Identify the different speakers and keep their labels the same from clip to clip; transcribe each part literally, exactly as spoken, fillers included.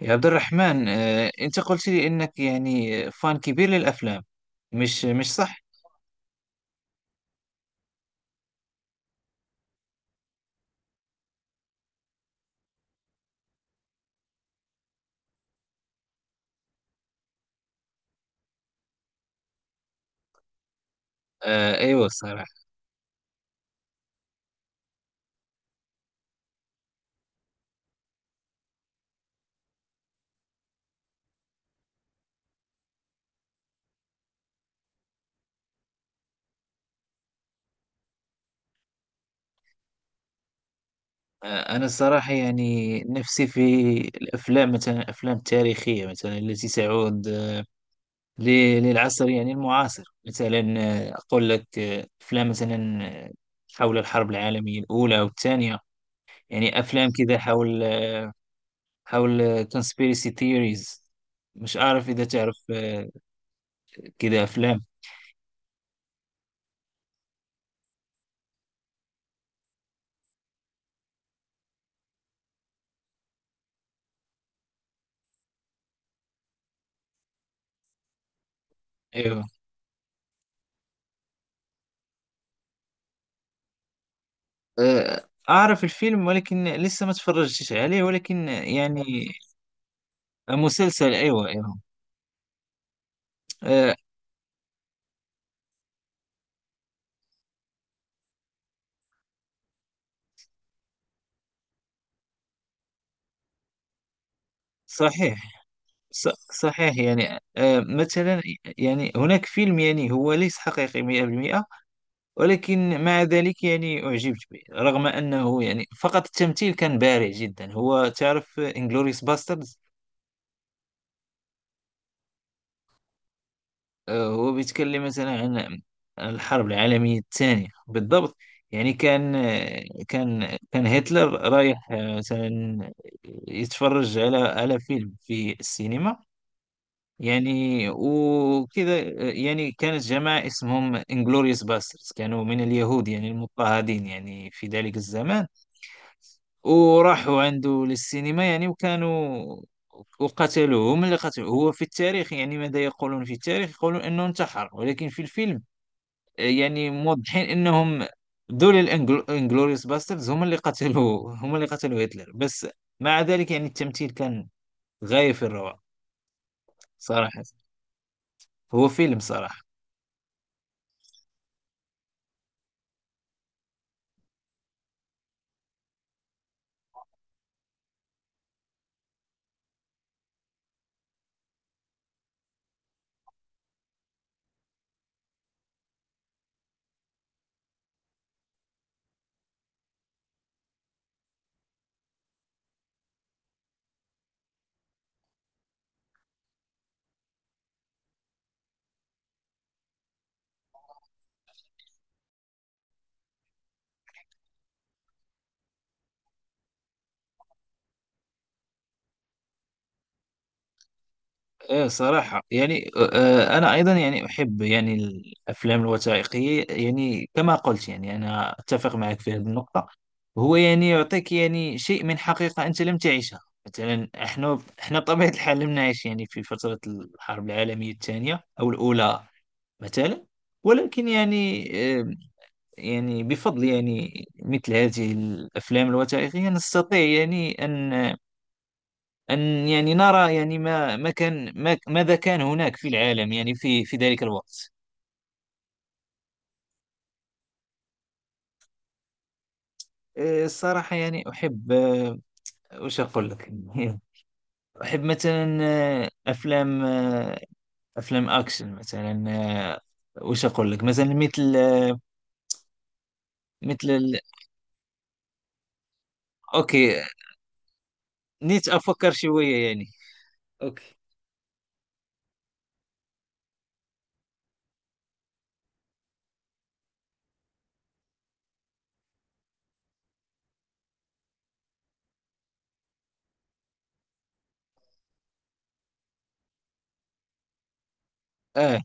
Speaker 1: يا عبد الرحمن آه، أنت قلت لي أنك يعني فان كبير للأفلام، مش مش صح؟ آه، أيوة الصراحة. آه، أنا الصراحة يعني نفسي في الأفلام، مثلا الأفلام التاريخية، مثلا التي تعود آه، ل- للعصر يعني المعاصر. مثلا آه، أقول لك آه، أفلام مثلا آه، حول الحرب العالمية الأولى والثانية، يعني أفلام كذا حول، حول conspiracy theories. مش عارف إذا تعرف آه، كذا أفلام. ايوه، آه، أعرف الفيلم، ولكن لسه ما تفرجتش عليه، ولكن يعني مسلسل، أيوة أيوة. آه، صحيح. ص- صحيح يعني، آه، مثلا يعني هناك فيلم، يعني هو ليس حقيقي مئة بالمئة، ولكن مع ذلك يعني أعجبت به، رغم أنه يعني فقط التمثيل كان بارع جدا. هو تعرف انجلوريوس باسترد؟ آه، هو بيتكلم مثلا عن الحرب العالمية الثانية بالضبط. يعني كان آه، كان كان هتلر رايح آه، مثلا يتفرج على، على فيلم في السينما، يعني وكذا. آه، يعني كانت جماعة اسمهم انجلوريوس باسترز، كانوا من اليهود يعني المضطهدين يعني في ذلك الزمان، وراحوا عنده للسينما يعني، وكانوا، وقتلوه. هم اللي قتلوه. هو في التاريخ يعني ماذا يقولون؟ في التاريخ يقولون انه انتحر، ولكن في الفيلم يعني موضحين انهم دول الانجلوريوس باستردز هم اللي قتلوا، هم اللي قتلوا هتلر. بس مع ذلك يعني التمثيل كان غاية في الروعة صراحة. هو فيلم صراحة. ايه صراحة، يعني آه انا ايضا يعني احب يعني الافلام الوثائقية، يعني كما قلت، يعني انا اتفق معك في هذه النقطة. هو يعني يعطيك يعني شيء من حقيقة انت لم تعيشها. مثلا احنا احنا بطبيعة الحال لم نعيش يعني في فترة الحرب العالمية الثانية او الاولى مثلا. ولكن يعني آه، يعني بفضل يعني مثل هذه الافلام الوثائقيه، نستطيع يعني ان، ان يعني نرى يعني ما، ما كان ما ماذا كان هناك في العالم يعني في، في ذلك الوقت. آه، الصراحه يعني احب، آه، وش اقول لك؟ احب مثلا آه، افلام آه، افلام اكشن مثلا. آه، وش اقول لك مثلا، مثل آه، مثل ال- اوكي، نيت افكر شويه يعني. اوكي. اه،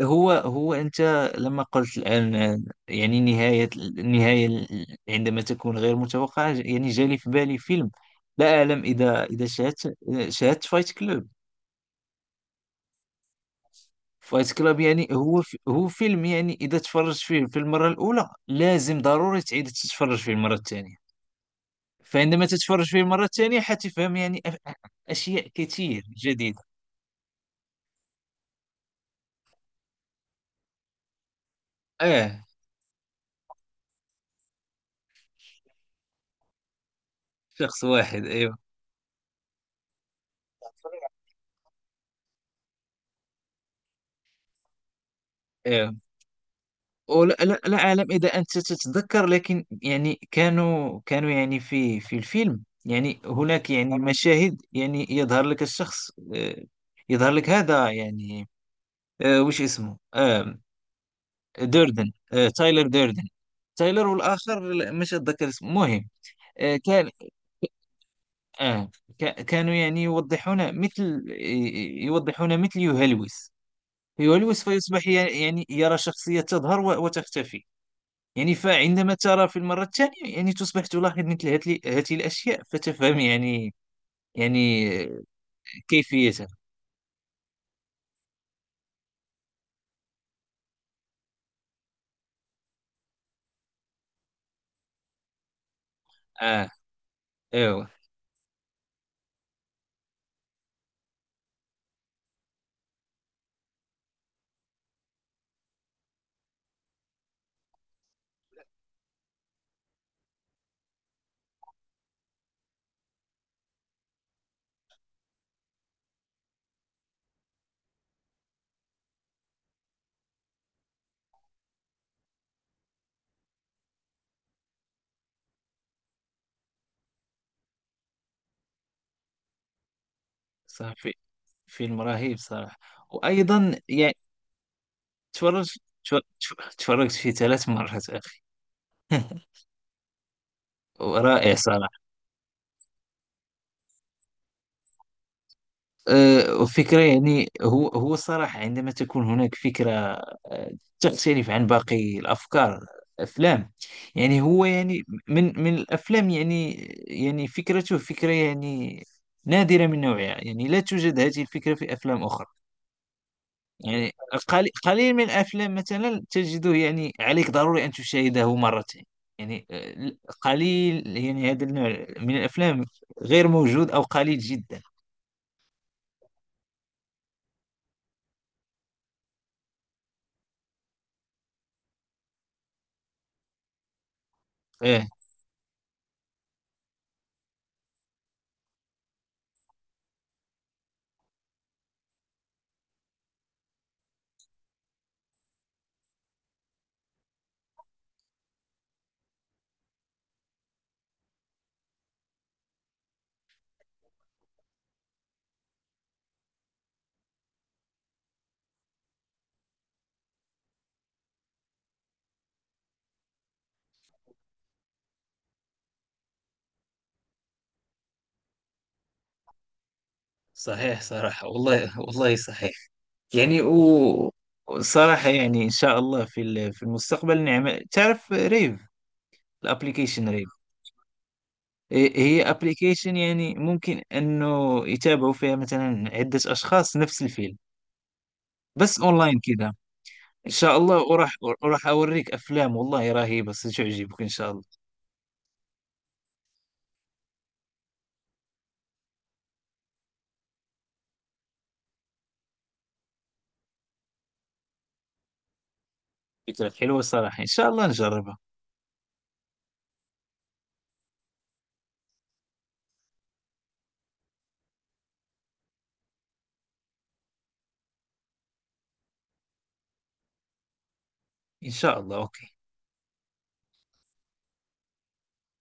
Speaker 1: هو هو أنت لما قلت الآن يعني نهاية، النهاية عندما تكون غير متوقعة، يعني جالي في بالي فيلم. لا أعلم إذا، إذا شاهدت، شاهدت فايت كلوب. فايت كلوب يعني هو ف- هو فيلم يعني إذا تفرجت فيه في المرة الأولى لازم ضروري تعيد تتفرج فيه المرة الثانية. فعندما تتفرج فيه المرة الثانية حتفهم يعني أ- أشياء كتير جديدة. آه، شخص واحد أيوه. أيوه، ولا لا, لا أعلم إذا أنت تتذكر، لكن يعني كانوا كانوا يعني في، في الفيلم يعني هناك يعني مشاهد يعني يظهر لك الشخص، آه، يظهر لك هذا يعني آه، وش اسمه؟ آه، دوردن، آه، تايلر دوردن. تايلر، والآخر لا، مش أتذكر اسمه، المهم آه، كان آه، كا- كانوا يعني يوضحون مثل، يوضحون مثل يهلوس، يهلوس فيصبح يعني يرى شخصية تظهر و- وتختفي. يعني فعندما ترى في المرة الثانية يعني تصبح تلاحظ مثل هاتل- هذه الأشياء فتفهم يعني، يعني كيفيتها. آه أيوة. صح، في فيلم رهيب صراحة، وأيضا يعني تفرج، تفرجت، تفرجت في ثلاث مرات أخي. ورائع صراحة. آه، فكرة يعني، هو هو الصراحة عندما تكون هناك فكرة آه، تختلف عن باقي الأفكار، أفلام، يعني هو يعني من، من الأفلام يعني، يعني فكرته فكرة يعني نادرة من نوعها، يعني لا توجد هذه الفكرة في أفلام أخرى. يعني قليل قليل من الأفلام مثلا تجده يعني عليك ضروري أن تشاهده مرتين، يعني آه، قليل، يعني هذا النوع من الأفلام غير موجود أو قليل جدا. آه، صحيح صراحة، والله والله صحيح. يعني و، صراحة يعني إن شاء الله في ال- في المستقبل نعمل، تعرف ريف؟ الابليكيشن ريف؟ هي ابليكيشن، يعني ممكن أنه يتابعوا فيها مثلا عدة أشخاص نفس الفيلم، بس أونلاين كذا. إن شاء الله، وراح، وراح أوريك أفلام والله رهيبة ستعجبك إن شاء الله. فكرة حلوة صراحة، إن شاء الله نجربها. إن شاء الله، أوكي.